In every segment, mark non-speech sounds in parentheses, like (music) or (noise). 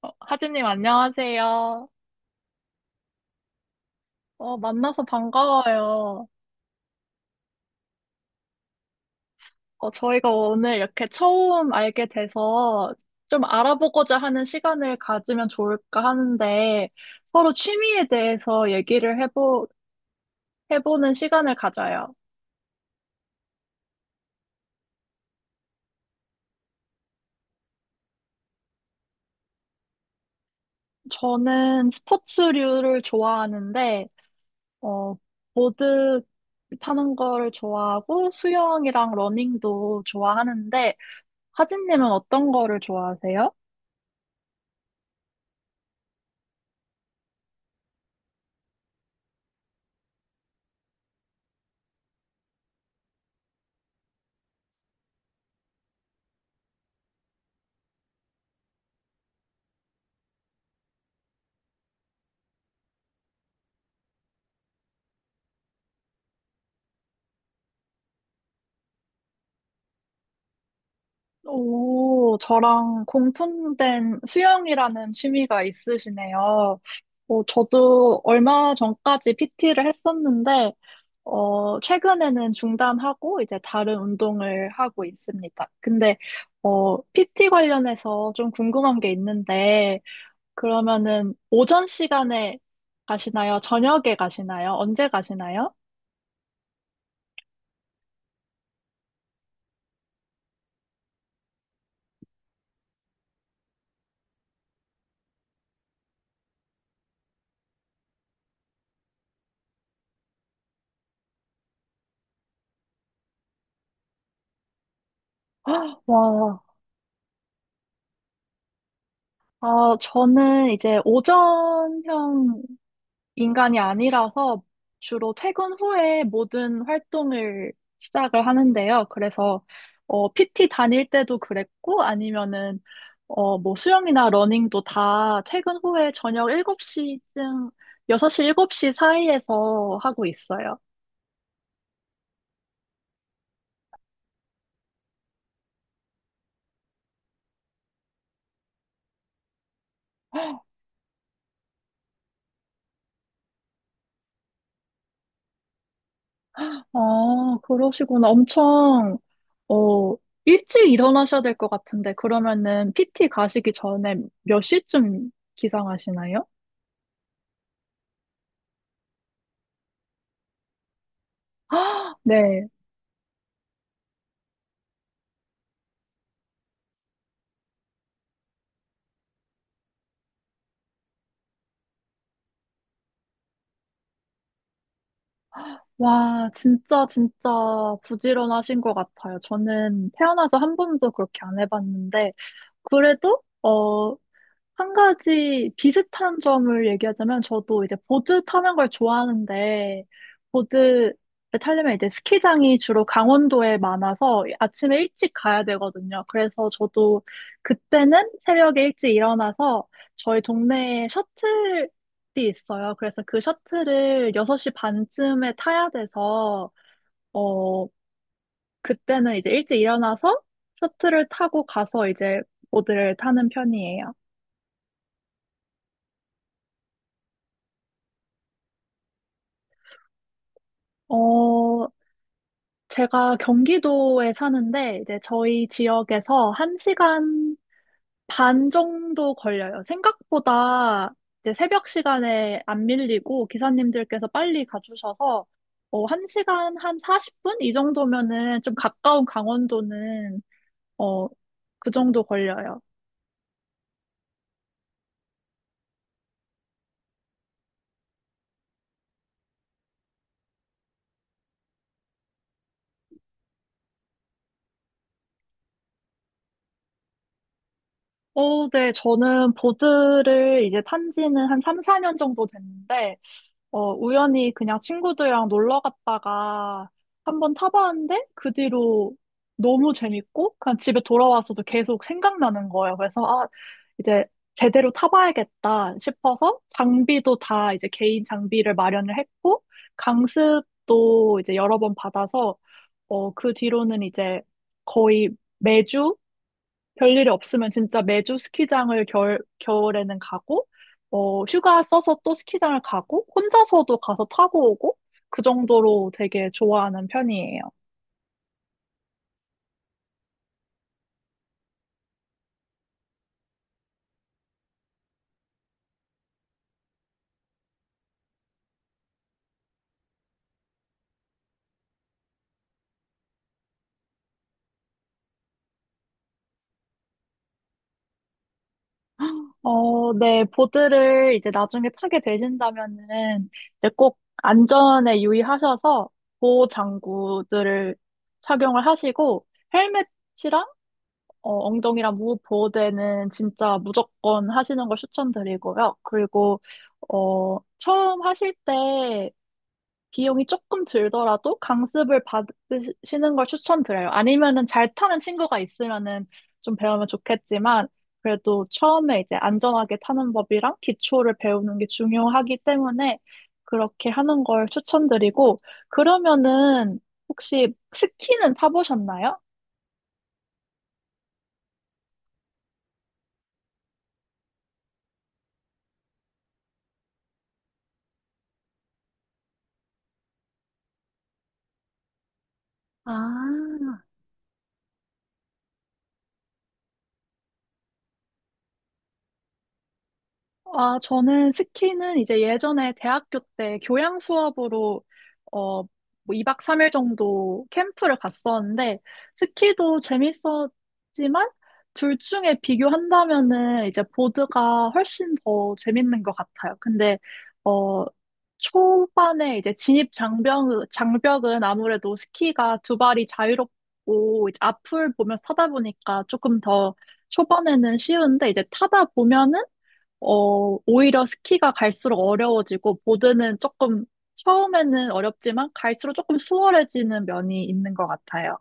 하진님, 안녕하세요. 만나서 반가워요. 저희가 오늘 이렇게 처음 알게 돼서 좀 알아보고자 하는 시간을 가지면 좋을까 하는데 서로 취미에 대해서 해보는 시간을 가져요. 저는 스포츠류를 좋아하는데, 어, 보드 타는 거를 좋아하고 수영이랑 러닝도 좋아하는데, 하진님은 어떤 거를 좋아하세요? 오, 저랑 공통된 수영이라는 취미가 있으시네요. 저도 얼마 전까지 PT를 했었는데, 최근에는 중단하고 이제 다른 운동을 하고 있습니다. 근데, PT 관련해서 좀 궁금한 게 있는데, 그러면은 오전 시간에 가시나요? 저녁에 가시나요? 언제 가시나요? 와, 아, 저는 이제 오전형 인간이 아니라서 주로 퇴근 후에 모든 활동을 시작을 하는데요. 그래서 PT 다닐 때도 그랬고 아니면은 뭐 수영이나 러닝도 다 퇴근 후에 저녁 일곱 시쯤 여섯 시쯤 6시, 7시 사이에서 하고 있어요. 아, 그러시구나. 엄청 어, 일찍 일어나셔야 될 것 같은데 그러면은 PT 가시기 전에 몇 시쯤 기상하시나요? 네. 와, 진짜, 진짜 부지런하신 것 같아요. 저는 태어나서 한 번도 그렇게 안 해봤는데, 그래도, 한 가지 비슷한 점을 얘기하자면 저도 이제 보드 타는 걸 좋아하는데 보드 타려면 이제 스키장이 주로 강원도에 많아서 아침에 일찍 가야 되거든요. 그래서 저도 그때는 새벽에 일찍 일어나서 저희 동네에 셔틀이 있어요. 그래서 그 셔틀을 6시 반쯤에 타야 돼서 어 그때는 이제 일찍 일어나서 셔틀을 타고 가서 이제 보드를 타는 편이에요. 어, 제가 경기도에 사는데 이제 저희 지역에서 한 시간 반 정도 걸려요. 생각보다 이제 새벽 시간에 안 밀리고 기사님들께서 빨리 가주셔서 한 시간 한 40분? 이 정도면은 좀 가까운 강원도는 어, 그 정도 걸려요. 어, 네, 저는 보드를 이제 탄 지는 한 3, 4년 정도 됐는데 우연히 그냥 친구들이랑 놀러 갔다가 한번 타봤는데 그 뒤로 너무 재밌고 그냥 집에 돌아와서도 계속 생각나는 거예요. 그래서 아, 이제 제대로 타봐야겠다 싶어서 장비도 다 이제 개인 장비를 마련을 했고 강습도 이제 여러 번 받아서 그 뒤로는 이제 거의 매주 별일이 없으면 진짜 매주 스키장을 겨울에는 가고, 휴가 써서 또 스키장을 가고, 혼자서도 가서 타고 오고, 그 정도로 되게 좋아하는 편이에요. 어, 네, 보드를 이제 나중에 타게 되신다면은, 이제 꼭 안전에 유의하셔서 보호 장구들을 착용을 하시고, 헬멧 이랑 엉덩이랑 무릎 보호대는 진짜 무조건 하시는 걸 추천드리고요. 그리고, 처음 하실 때 비용이 조금 들더라도 강습을 받으시는 걸 추천드려요. 아니면은 잘 타는 친구가 있으면은 좀 배우면 좋겠지만, 그래도 처음에 이제 안전하게 타는 법이랑 기초를 배우는 게 중요하기 때문에 그렇게 하는 걸 추천드리고, 그러면은 혹시 스키는 타보셨나요? 아, 아, 저는 스키는 이제 예전에 대학교 때 교양 수업으로 뭐 2박 3일 정도 캠프를 갔었는데 스키도 재밌었지만 둘 중에 비교한다면은 이제 보드가 훨씬 더 재밌는 것 같아요. 근데 어, 초반에 이제 장벽은 아무래도 스키가 두 발이 자유롭고 이제 앞을 보면서 타다 보니까 조금 더 초반에는 쉬운데 이제 타다 보면은 오히려 스키가 갈수록 어려워지고, 보드는 조금, 처음에는 어렵지만, 갈수록 조금 수월해지는 면이 있는 것 같아요.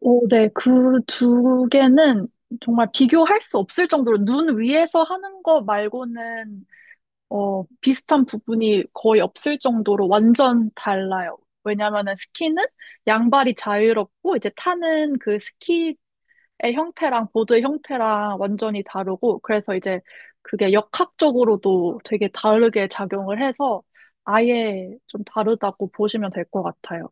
오, 네. 그 두 개는 정말 비교할 수 없을 정도로 눈 위에서 하는 거 말고는, 비슷한 부분이 거의 없을 정도로 완전 달라요. 왜냐면은 스키는 양발이 자유롭고, 이제 타는 그 스키 형태랑 보드의 형태랑 완전히 다르고 그래서 이제 그게 역학적으로도 되게 다르게 작용을 해서 아예 좀 다르다고 보시면 될 것 같아요.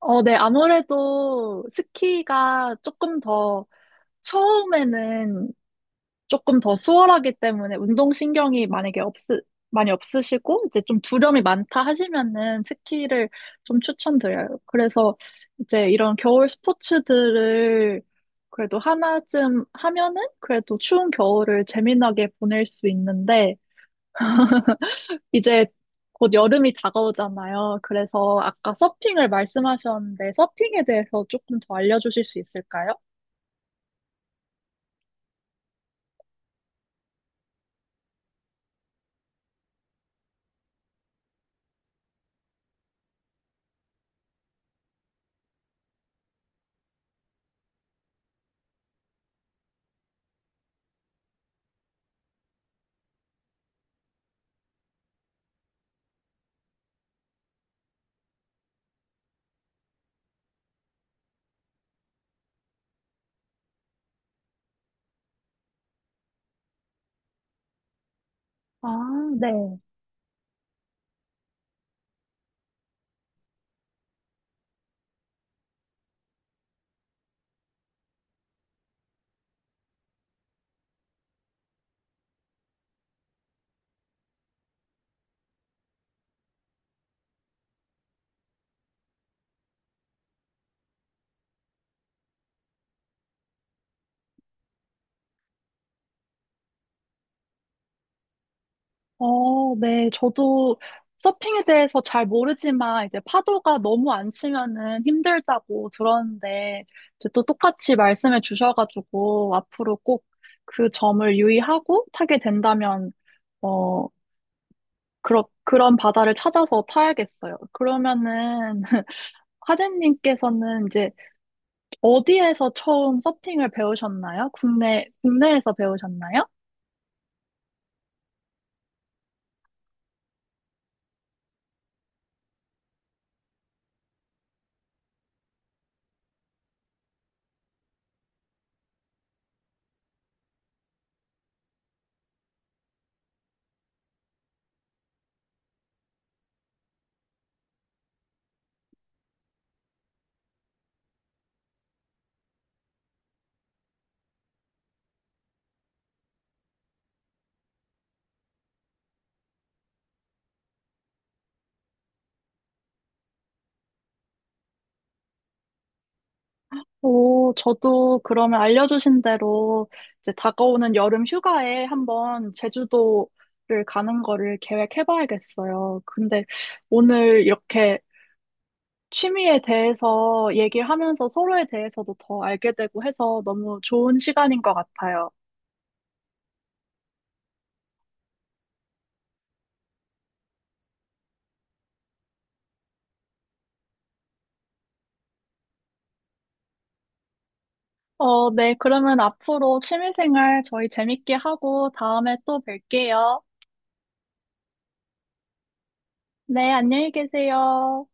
어, 네, 아무래도 스키가 조금 더 처음에는 조금 더 수월하기 때문에 운동신경이 많이 없으시고, 이제 좀 두려움이 많다 하시면은 스키를 좀 추천드려요. 그래서 이제 이런 겨울 스포츠들을 그래도 하나쯤 하면은 그래도 추운 겨울을 재미나게 보낼 수 있는데, 이제 곧 여름이 다가오잖아요. 그래서 아까 서핑을 말씀하셨는데 서핑에 대해서 조금 더 알려주실 수 있을까요? 아, 네. 어, 네. 저도 서핑에 대해서 잘 모르지만 이제 파도가 너무 안 치면은 힘들다고 들었는데 이제 또 똑같이 말씀해 주셔가지고 앞으로 꼭 그 점을 유의하고 타게 된다면 어, 그런 바다를 찾아서 타야겠어요. 그러면은 (laughs) 화재님께서는 이제 어디에서 처음 서핑을 배우셨나요? 국내, 국내에서 배우셨나요? 오, 저도 그러면 알려주신 대로 이제 다가오는 여름 휴가에 한번 제주도를 가는 거를 계획해봐야겠어요. 근데 오늘 이렇게 취미에 대해서 얘기를 하면서 서로에 대해서도 더 알게 되고 해서 너무 좋은 시간인 것 같아요. 어, 네, 그러면 앞으로 취미생활 저희 재밌게 하고 다음에 또 뵐게요. 네, 안녕히 계세요.